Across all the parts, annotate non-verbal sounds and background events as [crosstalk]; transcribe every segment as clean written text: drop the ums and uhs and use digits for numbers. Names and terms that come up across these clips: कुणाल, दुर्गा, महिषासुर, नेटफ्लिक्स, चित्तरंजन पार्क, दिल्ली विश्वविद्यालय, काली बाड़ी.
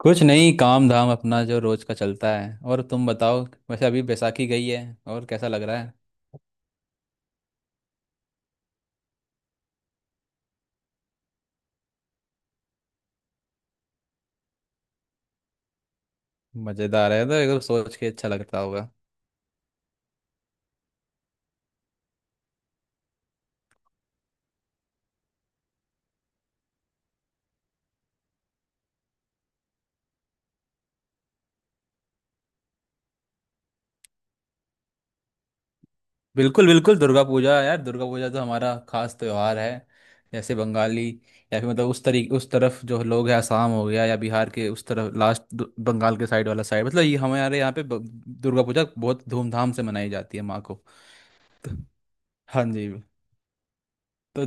कुछ नहीं, काम धाम अपना जो रोज का चलता है। और तुम बताओ, वैसे अभी बैसाखी गई है और कैसा लग रहा है? मजेदार है तो एकदम सोच के अच्छा लगता होगा। बिल्कुल बिल्कुल, दुर्गा पूजा यार, दुर्गा पूजा तो हमारा खास त्योहार है। जैसे बंगाली या फिर मतलब उस तरीके उस तरफ जो लोग हैं, असम हो गया या बिहार के उस तरफ लास्ट बंगाल के साइड वाला साइड, मतलब ये हमारे यहाँ पे दुर्गा पूजा बहुत धूमधाम से मनाई जाती है माँ को। तो, हाँ जी। तो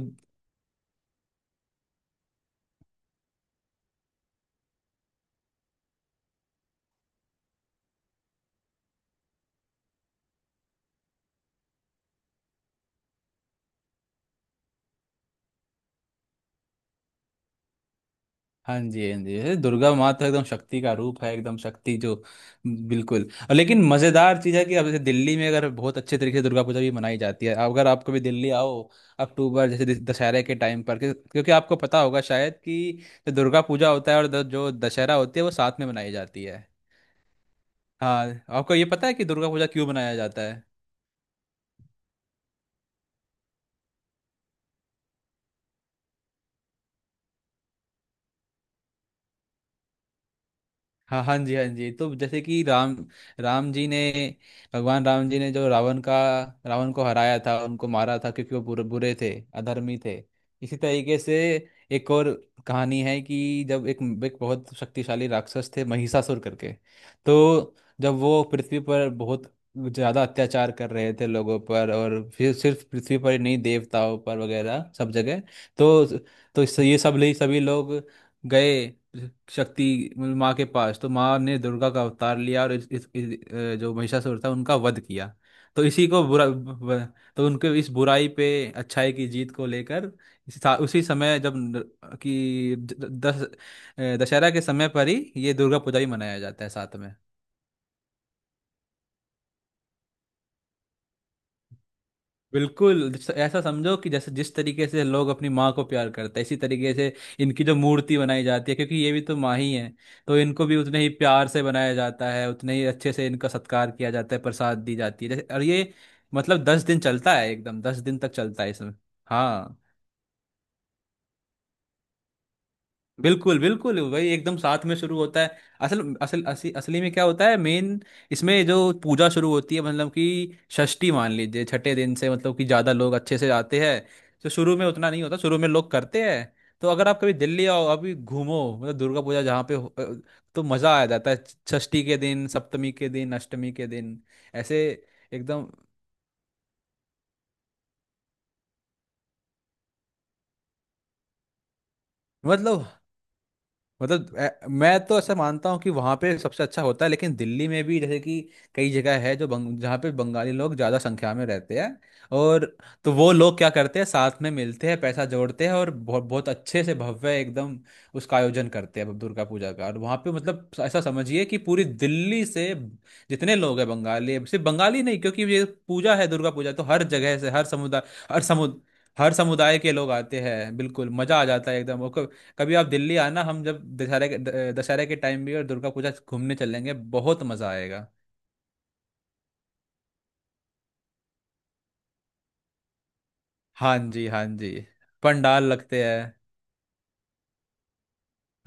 हाँ जी हाँ जी, ये दुर्गा माँ तो एकदम शक्ति का रूप है, एकदम शक्ति जो, बिल्कुल। और लेकिन मज़ेदार चीज़ है कि अब जैसे दिल्ली में अगर बहुत अच्छे तरीके से दुर्गा पूजा भी मनाई जाती है। अगर आप कभी दिल्ली आओ अक्टूबर जैसे दशहरे के टाइम पर, क्योंकि आपको पता होगा शायद कि जो दुर्गा पूजा होता है और जो दशहरा होती है वो साथ में मनाई जाती है। हाँ, आपको ये पता है कि दुर्गा पूजा क्यों मनाया जाता है? हाँ हाँ जी हाँ जी, तो जैसे कि राम, राम जी ने, भगवान राम जी ने जो रावण को हराया था, उनको मारा था क्योंकि वो बुरे बुरे थे, अधर्मी थे। इसी तरीके से एक और कहानी है कि जब एक एक बहुत शक्तिशाली राक्षस थे महिषासुर करके। तो जब वो पृथ्वी पर बहुत ज़्यादा अत्याचार कर रहे थे लोगों पर, और फिर सिर्फ पृथ्वी पर ही नहीं देवताओं पर वगैरह सब जगह। तो तो इससे ये सब ले सभी लोग गए शक्ति माँ के पास, तो माँ ने दुर्गा का अवतार लिया और जो महिषासुर था उनका वध किया। तो इसी को तो उनके इस बुराई पे अच्छाई की जीत को लेकर उसी समय जब न- कि द- दस अ, दशहरा के समय पर ही ये दुर्गा पूजा भी मनाया जाता है साथ में। बिल्कुल, ऐसा समझो कि जैसे जिस तरीके से लोग अपनी माँ को प्यार करते हैं, इसी तरीके से इनकी जो मूर्ति बनाई जाती है, क्योंकि ये भी तो माँ ही है। तो इनको भी उतने ही प्यार से बनाया जाता है, उतने ही अच्छे से इनका सत्कार किया जाता है, प्रसाद दी जाती है जैसे। और ये मतलब 10 दिन चलता है, एकदम 10 दिन तक चलता है इसमें। हाँ, बिल्कुल बिल्कुल, वही एकदम साथ में शुरू होता है। असल असल असली असली में क्या होता है मेन, इसमें जो पूजा शुरू होती है मतलब कि षष्ठी, मान लीजिए छठे दिन से, मतलब कि ज़्यादा लोग अच्छे से आते हैं। तो शुरू में उतना नहीं होता, शुरू में लोग करते हैं। तो अगर आप कभी दिल्ली आओ अभी, घूमो मतलब दुर्गा पूजा जहाँ पे तो मज़ा आ जाता है। षष्ठी के दिन, सप्तमी के दिन, अष्टमी के दिन, ऐसे एकदम। मतलब मैं तो ऐसा मानता हूँ कि वहाँ पे सबसे अच्छा होता है, लेकिन दिल्ली में भी जैसे कि कई जगह है जो जहाँ पे बंगाली लोग ज़्यादा संख्या में रहते हैं। और तो वो लोग क्या करते हैं, साथ में मिलते हैं, पैसा जोड़ते हैं और बहुत बहुत अच्छे से, भव्य एकदम उसका आयोजन करते हैं दुर्गा पूजा का। और वहाँ पे मतलब ऐसा समझिए कि पूरी दिल्ली से जितने लोग हैं बंगाली, सिर्फ बंगाली नहीं क्योंकि ये पूजा है दुर्गा पूजा, तो हर जगह से, हर समुदाय, हर समुद हर समुदाय के लोग आते हैं, बिल्कुल मजा आ जाता है एकदम। कभी आप दिल्ली आना, हम जब दशहरे के दशहरे के टाइम भी और दुर्गा पूजा घूमने चलेंगे, बहुत मज़ा आएगा। हाँ जी हाँ जी, पंडाल लगते हैं।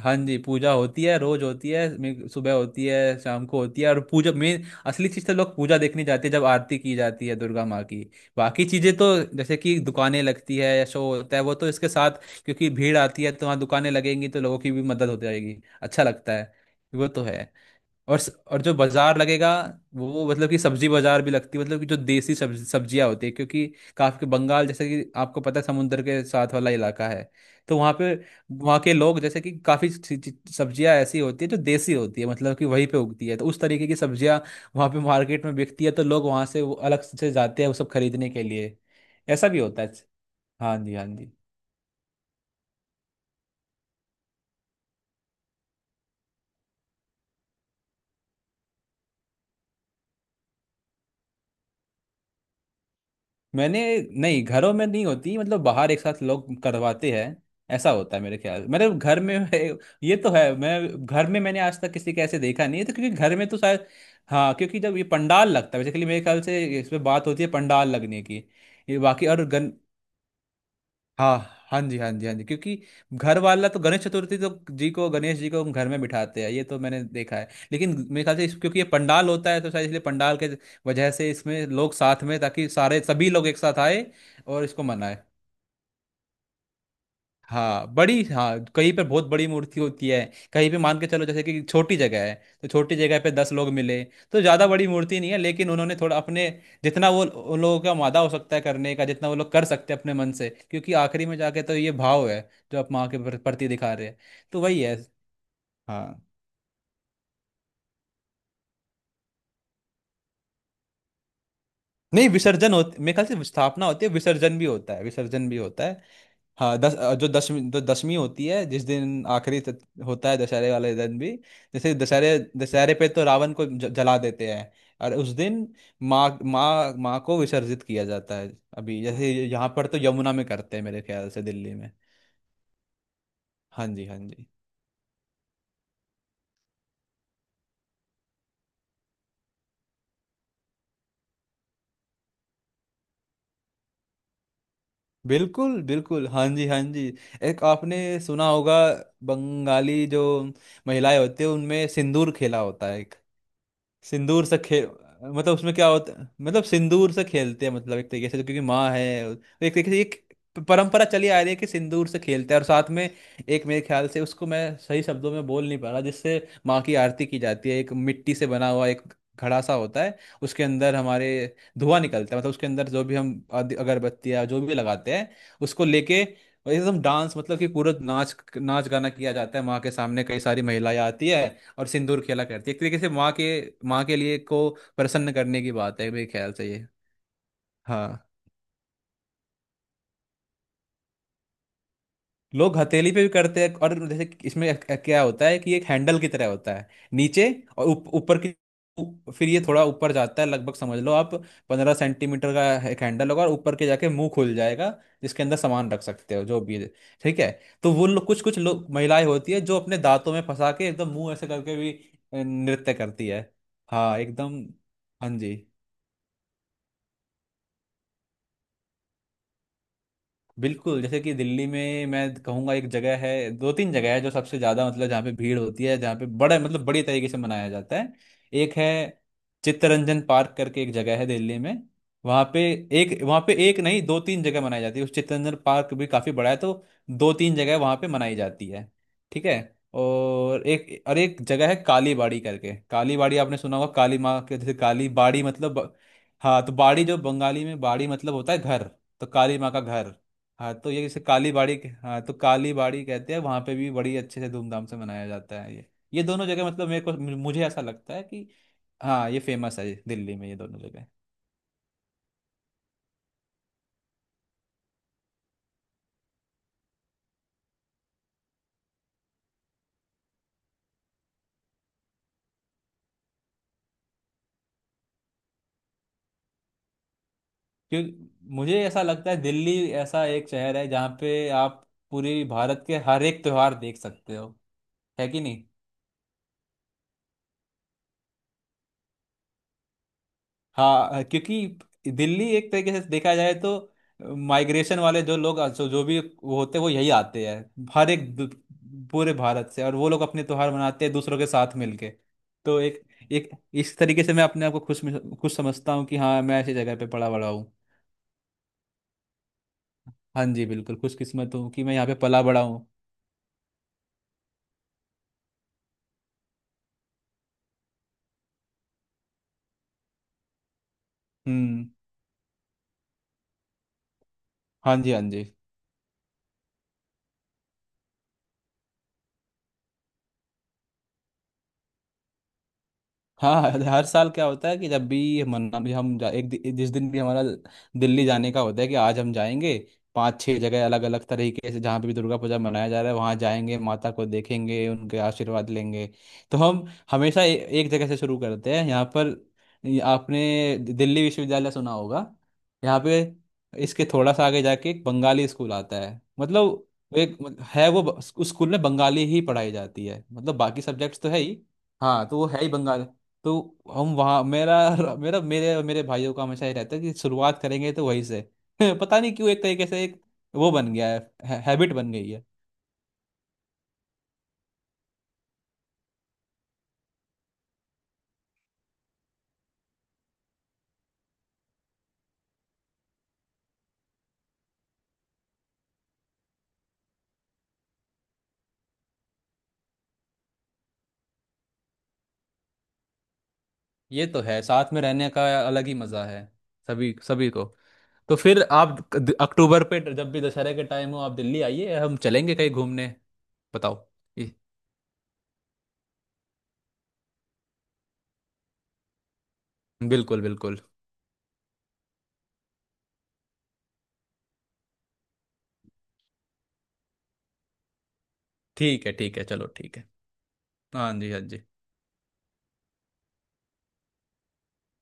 हाँ जी, पूजा होती है रोज होती है, सुबह होती है, शाम को होती है, और पूजा मेन असली चीज़ तो लोग पूजा देखने जाते हैं जब आरती की जाती है दुर्गा माँ की। बाकी चीज़ें तो जैसे कि दुकानें लगती है या शो होता है, वो तो इसके साथ, क्योंकि भीड़ आती है तो वहाँ दुकानें लगेंगी, तो लोगों की भी मदद हो जाएगी, अच्छा लगता है। वो तो है। और और जो बाजार लगेगा वो मतलब कि सब्जी बाजार भी लगती है, मतलब कि जो देसी सब्जियां होती है, क्योंकि काफी बंगाल जैसे कि आपको पता है, समुंदर के साथ वाला इलाका है। तो वहाँ पे, वहाँ के लोग जैसे कि काफी सी- सी- सब्जियां ऐसी होती है जो देसी होती है, मतलब कि वहीं पे उगती है, तो उस तरीके की सब्जियां वहाँ पे मार्केट में बिकती है, तो लोग वहाँ से वो अलग से जाते हैं वो सब खरीदने के लिए। ऐसा भी होता है। हाँ जी हाँ जी। मैंने, नहीं, घरों में नहीं होती, मतलब बाहर एक साथ लोग करवाते हैं, ऐसा होता है मेरे ख्याल, मेरे घर में है, ये तो है। मैं घर में, मैंने आज तक किसी के ऐसे देखा नहीं है तो, क्योंकि घर में तो शायद, हाँ, क्योंकि जब ये पंडाल लगता है बेसिकली मेरे ख्याल से, इसमें बात होती है पंडाल लगने की। ये बाकी और हाँ हाँ जी हाँ जी हाँ जी, क्योंकि घर वाला तो गणेश चतुर्थी तो जी को, गणेश जी को हम घर में बिठाते हैं, ये तो मैंने देखा है, लेकिन मेरे ख्याल से इस, क्योंकि ये पंडाल होता है तो शायद इसलिए पंडाल के वजह से इसमें लोग साथ में, ताकि सारे सभी लोग एक साथ आए और इसको मनाए। हाँ बड़ी, हाँ, कहीं पर बहुत बड़ी मूर्ति होती है, कहीं पे मान के चलो जैसे कि छोटी जगह है तो छोटी जगह पे 10 लोग मिले, तो ज़्यादा बड़ी मूर्ति नहीं है, लेकिन उन्होंने थोड़ा अपने, जितना वो उन लोगों का मादा हो सकता है करने का, जितना वो लोग कर सकते हैं अपने मन से, क्योंकि आखिरी में जाके तो ये भाव है जो आप माँ के प्रति दिखा रहे हैं, तो वही है। हाँ, नहीं विसर्जन होते, मेरे ख्याल से स्थापना होती है, विसर्जन भी होता है, विसर्जन भी होता है। हाँ, जो दशमी, जो दशमी होती है जिस दिन आखिरी होता है दशहरे वाले दिन भी, जैसे दशहरे, दशहरे पे तो रावण को जला देते हैं, और उस दिन माँ माँ माँ को विसर्जित किया जाता है। अभी जैसे यहाँ पर तो यमुना में करते हैं मेरे ख्याल से दिल्ली में। हाँ जी हाँ जी, बिल्कुल बिल्कुल। हाँ जी हाँ जी, एक आपने सुना होगा, बंगाली जो महिलाएं होती है उनमें सिंदूर खेला होता है। सिंदूर से खेल, मतलब उसमें क्या होता, मतलब सिंदूर से खेलते हैं, मतलब एक तरीके से, क्योंकि माँ है तो एक तरीके से एक परंपरा चली आ रही है कि सिंदूर से खेलते हैं। और साथ में एक, मेरे ख्याल से उसको मैं सही शब्दों में बोल नहीं पा रहा, जिससे माँ की आरती की जाती है, एक मिट्टी से बना हुआ एक घड़ा सा होता है। उसके अंदर हमारे धुआं निकलता है, मतलब उसके अंदर जो भी हम अगरबत्तियाँ जो भी लगाते हैं, उसको लेके एकदम डांस, मतलब कि पूरा नाच नाच गाना किया जाता है माँ के सामने, कई सारी महिलाएं आती है और सिंदूर खेला करती है, एक तरीके से माँ के, माँ के लिए को प्रसन्न करने की बात है मेरे ख्याल से ये। हाँ, लोग हथेली पे भी करते हैं, और जैसे कि इसमें एक क्या होता है कि एक हैंडल की तरह होता है नीचे, और ऊपर की फिर ये थोड़ा ऊपर जाता है, लगभग समझ लो आप 15 सेंटीमीटर का एक हैंडल होगा, और ऊपर के जाके मुंह खुल जाएगा, जिसके अंदर सामान रख सकते हो जो भी है। ठीक है, तो वो लोग कुछ, कुछ लोग, महिलाएं होती है जो अपने दांतों में फंसा के एकदम मुंह ऐसे करके भी नृत्य करती है। हाँ एकदम, हाँ जी, बिल्कुल, जैसे कि दिल्ली में मैं कहूँगा एक जगह है, दो तीन जगह है जो सबसे ज़्यादा, मतलब जहाँ पे भीड़ होती है, जहाँ पे बड़ा, मतलब बड़ी तरीके से मनाया जाता है। एक है चित्तरंजन पार्क करके एक जगह है दिल्ली में, वहाँ पे एक, वहाँ पे एक नहीं दो तीन जगह मनाई जाती है, उस चित्तरंजन पार्क भी काफ़ी बड़ा है तो दो तीन जगह वहाँ पे मनाई जाती है। ठीक है, और एक, और एक जगह है काली बाड़ी करके, काली बाड़ी आपने सुना होगा, काली माँ के जैसे काली बाड़ी मतलब, हाँ तो बाड़ी जो बंगाली में बाड़ी मतलब होता है घर, तो काली माँ का घर। हाँ तो ये जैसे काली बाड़ी, हाँ तो काली बाड़ी कहते हैं, वहाँ पे भी बड़ी अच्छे से धूमधाम से मनाया जाता है ये दोनों जगह मतलब मेरे को, मुझे ऐसा लगता है कि हाँ, ये फेमस है दिल्ली में ये दोनों जगह। क्यों, मुझे ऐसा लगता है दिल्ली ऐसा एक शहर है जहाँ पे आप पूरी भारत के हर एक त्योहार देख सकते हो, है कि नहीं? हाँ, क्योंकि दिल्ली एक तरीके से देखा जाए तो माइग्रेशन वाले जो लोग, जो जो भी वो होते हैं, वो यही आते हैं हर एक पूरे भारत से, और वो लोग अपने त्योहार मनाते हैं दूसरों के साथ मिलके। तो एक, एक इस तरीके से मैं अपने आप को खुश खुश समझता हूँ कि हाँ मैं ऐसी जगह पे पला बड़ा हूँ। हाँ जी, बिल्कुल खुशकिस्मत हूँ कि मैं यहाँ पे पला बड़ा हूँ। हम्म। हाँ जी हाँ जी। हाँ, हर साल क्या होता है कि जब भी मन, अभी हम जा, एक दि- जिस दिन भी हमारा दिल्ली जाने का होता है कि आज हम जाएंगे, पांच छह जगह अलग अलग तरीके से जहाँ पे भी दुर्गा पूजा मनाया जा रहा है वहाँ जाएंगे, माता को देखेंगे, उनके आशीर्वाद लेंगे। तो हम हमेशा एक जगह से शुरू करते हैं यहाँ पर। ये आपने दिल्ली विश्वविद्यालय सुना होगा, यहाँ पे इसके थोड़ा सा आगे जाके एक बंगाली स्कूल आता है मतलब एक है वो, उस स्कूल में बंगाली ही पढ़ाई जाती है, मतलब बाकी सब्जेक्ट्स तो है ही। हाँ तो वो है ही बंगाल, तो हम वहाँ, मेरा मेरा मेरे और मेरे भाइयों का हमेशा ये रहता है कि शुरुआत करेंगे तो वहीं से [laughs] पता नहीं क्यों, एक तरीके से एक वो बन गया है, हैबिट बन गई है। ये तो है, साथ में रहने का अलग ही मज़ा है सभी सभी को। तो फिर आप अक्टूबर पे जब भी दशहरे के टाइम हो आप दिल्ली आइए, हम चलेंगे कहीं घूमने। बताओ। ये- बिल्कुल बिल्कुल, ठीक है ठीक है, चलो ठीक है। हाँ जी हाँ जी।